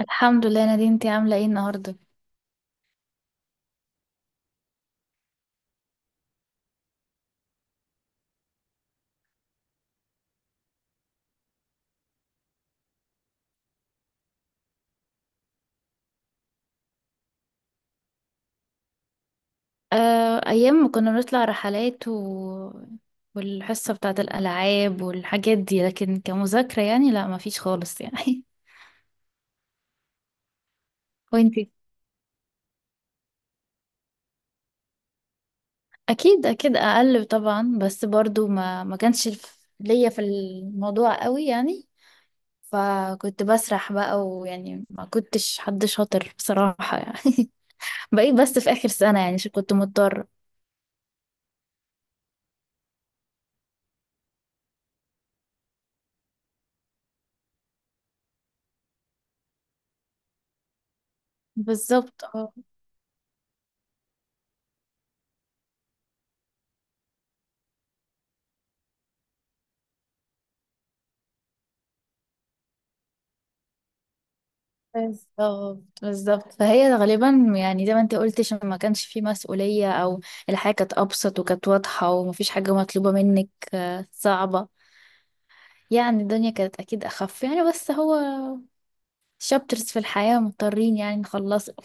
الحمد لله يا نادين، انتي عاملة ايه النهاردة؟ آه، أيام ما كنا بنطلع رحلات والحصة بتاعة الألعاب والحاجات دي، لكن كمذاكرة يعني لا، ما فيش خالص يعني. وانتي؟ أكيد أكيد أقل طبعا، بس برضو ما كانش ليا في الموضوع قوي يعني. فكنت بسرح بقى، ويعني ما كنتش حد شاطر بصراحة يعني. بقيت بس في آخر سنة يعني، عشان كنت مضطرة. بالظبط، بالظبط، بالظبط. فهي غالبا يعني زي ما انت قلت، عشان ما كانش في مسؤولية، او الحياة كانت ابسط وكانت واضحة ومفيش حاجة مطلوبة منك صعبة. يعني الدنيا كانت اكيد اخف يعني، بس هو شابترز في الحياة مضطرين يعني نخلصه.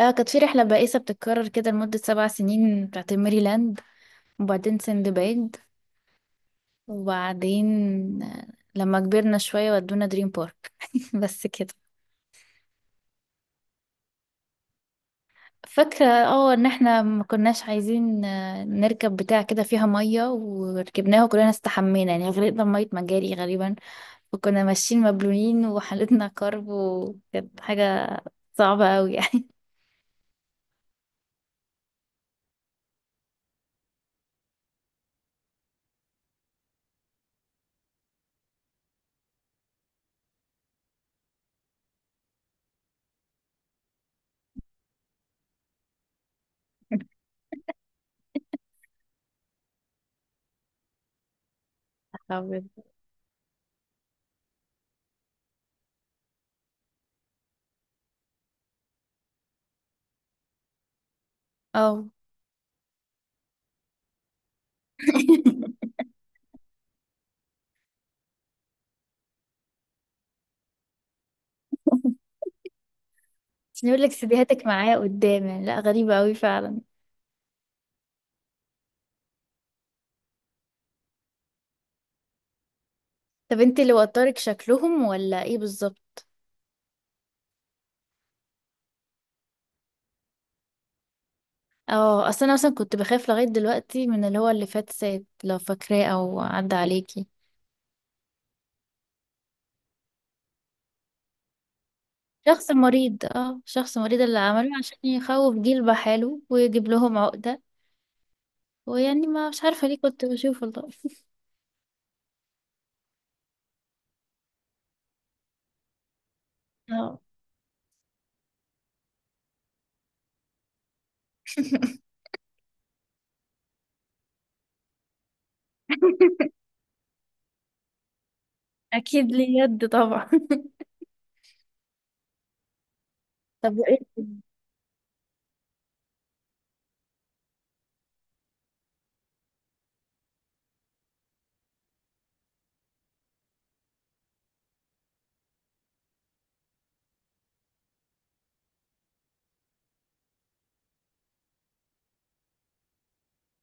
آه، كانت في رحلة بائسة بتتكرر كده لمدة 7 سنين، بتاعت ميريلاند. وبعدين سندباد. وبعدين آه، لما كبرنا شوية ودونا دريم بارك. بس كده. فاكرة ان احنا ما كناش عايزين نركب بتاع كده فيها مية، وركبناه وكلنا استحمينا يعني، غرقنا بمية مجاري غالبا. وكنا ماشيين مبلولين وحالتنا كرب، وكانت حاجة صعبة قوي يعني. أبيض. اه، عشان يقول لك سيديهاتك معايا قدام يعني. لا، غريبة قوي فعلا. طب انت اللي وترك شكلهم ولا ايه بالظبط؟ اه، اصل انا مثلا كنت بخاف لغاية دلوقتي من اللي هو اللي فات سات لو فاكراه او عدى عليكي. شخص مريض، اه، شخص مريض اللي عمله، عشان يخوف جيل بحاله ويجيب لهم عقدة. ويعني ما مش عارفة ليه كنت بشوف، والله. اه. اكيد ليه يد طبعا. طب وايه تاني؟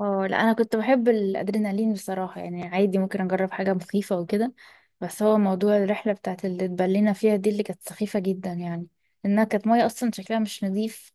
اه، لا، انا كنت بحب الادرينالين بصراحة يعني، عادي ممكن اجرب حاجة مخيفة وكده. بس هو موضوع الرحلة بتاعت اللي اتبلينا فيها دي، اللي كانت سخيفة جدا يعني. انها كانت مية اصلا شكلها مش نظيف،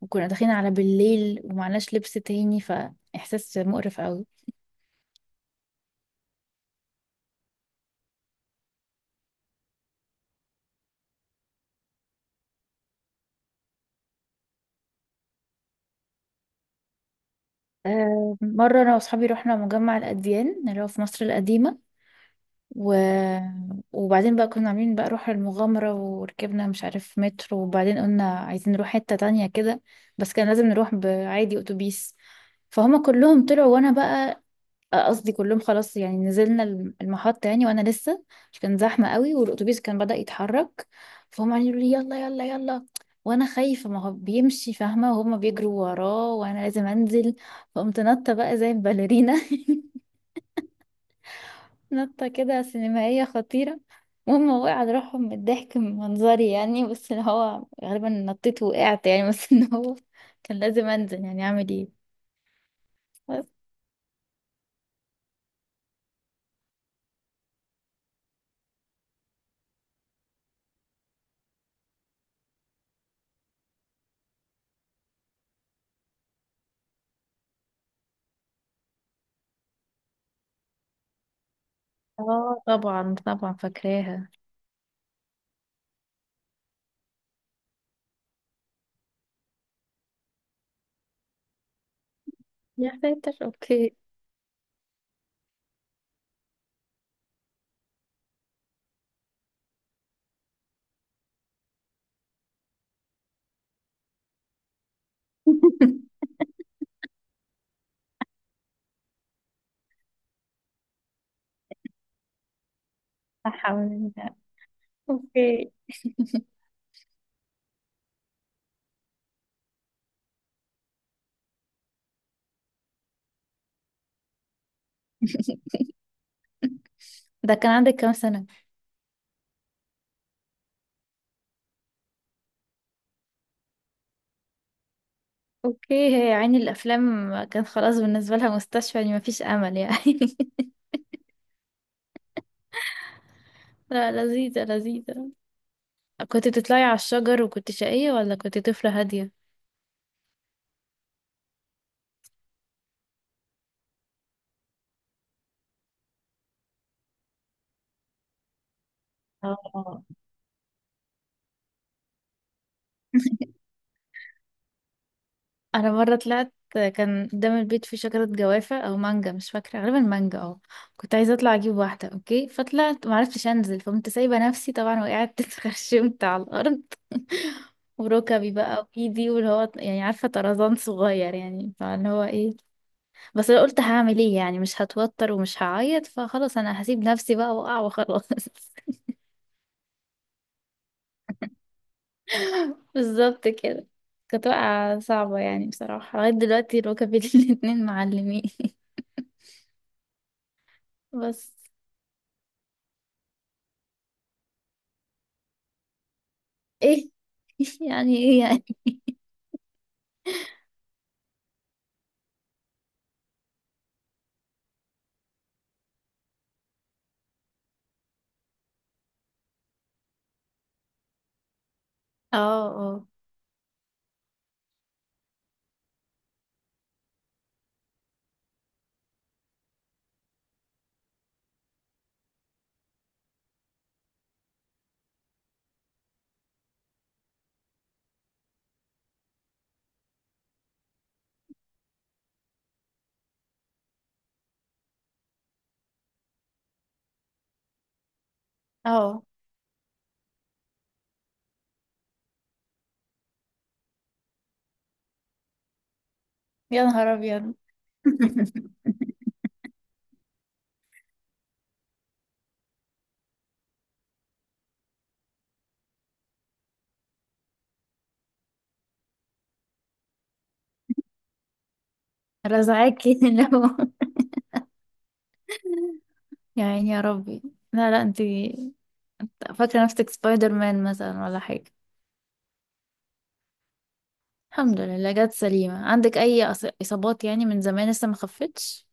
وكنا داخلين على بالليل ومعناش لبس تاني، فاحساس مقرف. آه، مرة أنا وأصحابي رحنا مجمع الأديان اللي هو في مصر القديمة و... وبعدين بقى كنا عاملين بقى روح المغامرة، وركبنا مش عارف مترو، وبعدين قلنا عايزين نروح حتة تانية كده. بس كان لازم نروح بعادي أتوبيس. فهم كلهم طلعوا وأنا بقى قصدي كلهم خلاص يعني، نزلنا المحطة يعني وانا لسه. مش كان زحمة قوي والاتوبيس كان بدأ يتحرك. فهم قاعدين يقولوا لي يلا يلا يلا، وانا خايفة ما هو بيمشي فاهمة، وهما بيجروا وراه وانا لازم انزل. فقمت نطة بقى زي الباليرينا. نطة كده سينمائية خطيرة. المهم وقع على روحهم من الضحك من منظري يعني، بس اللي هو غالبا نطيت وقعت يعني. بس ان هو كان لازم انزل، يعني اعمل ايه؟ بس، اه، طبعا طبعا فاكراها. يا ساتر، اوكي. صح الحمد لله. اوكي. ده كان عندك كام سنة؟ اوكي، هي عيني الافلام كان خلاص بالنسبة لها مستشفى، يعني مفيش امل يعني. لا، لذيذة لذيذة. كنت بتطلعي على الشجر وكنت شقية، ولا كنت طفلة هادية؟ اه. انا مره طلعت كان قدام البيت في شجره جوافه او مانجا، مش فاكره، غالبا مانجا اه. كنت عايزه اطلع اجيب واحده، اوكي، فطلعت ما عرفتش انزل، فقمت سايبه نفسي طبعا وقعت. اتخرشمت على الارض. وركبي بقى وايدي، واللي هو يعني عارفه طرزان صغير يعني، فاللي هو ايه. بس أنا قلت هعمل ايه يعني، مش هتوتر ومش هعيط، فخلاص انا هسيب نفسي بقى واقع وخلاص. بالظبط كده. كانت واقعة صعبة يعني بصراحة، لغاية دلوقتي ركبي الاتنين معلمين. بس. ايه؟ يعني ايه يعني؟ اه، اه، اه. يا نهار ابيض. رزعاكي، لو يعني يا ربي. لا، لا، انتي، انت فاكرة نفسك سبايدر مان مثلا ولا حاجة؟ الحمد لله جت سليمة. عندك أي إصابات يعني من زمان لسه ما خفتش؟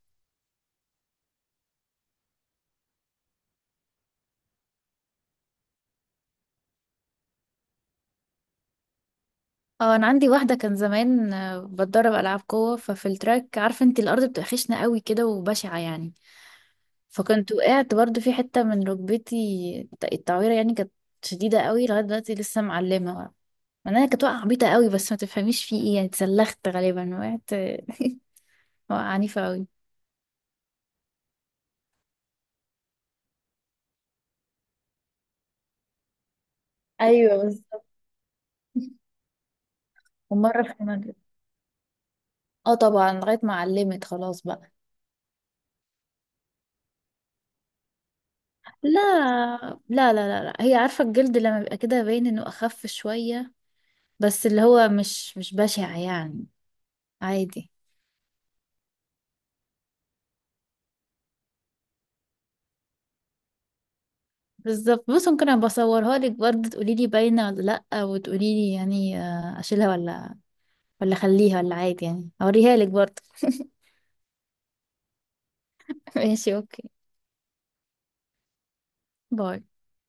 اه، أنا عندي واحدة كان زمان بتدرب ألعاب قوة، ففي التراك عارفة انتي الأرض بتبقى خشنة قوي كده وبشعة يعني. فكنت وقعت برضو في حتة من ركبتي. التعويرة يعني كانت شديدة قوي. لغاية دلوقتي لسه معلمة، مع انها كانت وقعة عبيطة قوي، بس ما تفهميش في ايه يعني، اتسلخت غالبا، وقعت وقعة عنيفة قوي. ايوه بالظبط. ومرة في مجلس. اه طبعا، لغاية ما علمت خلاص بقى. لا، لا، لا، لا، لا. هي عارفة الجلد لما بيبقى كده باين انه اخف شوية. بس اللي هو مش بشع يعني. عادي. بالظبط، بص ممكن ابقى اصورها لك برضه تقولي لي باينه ولا لا، وتقولي لي يعني اشيلها، ولا ولا اخليها ولا عادي يعني. اوريها لك برضه. ماشي اوكي. باي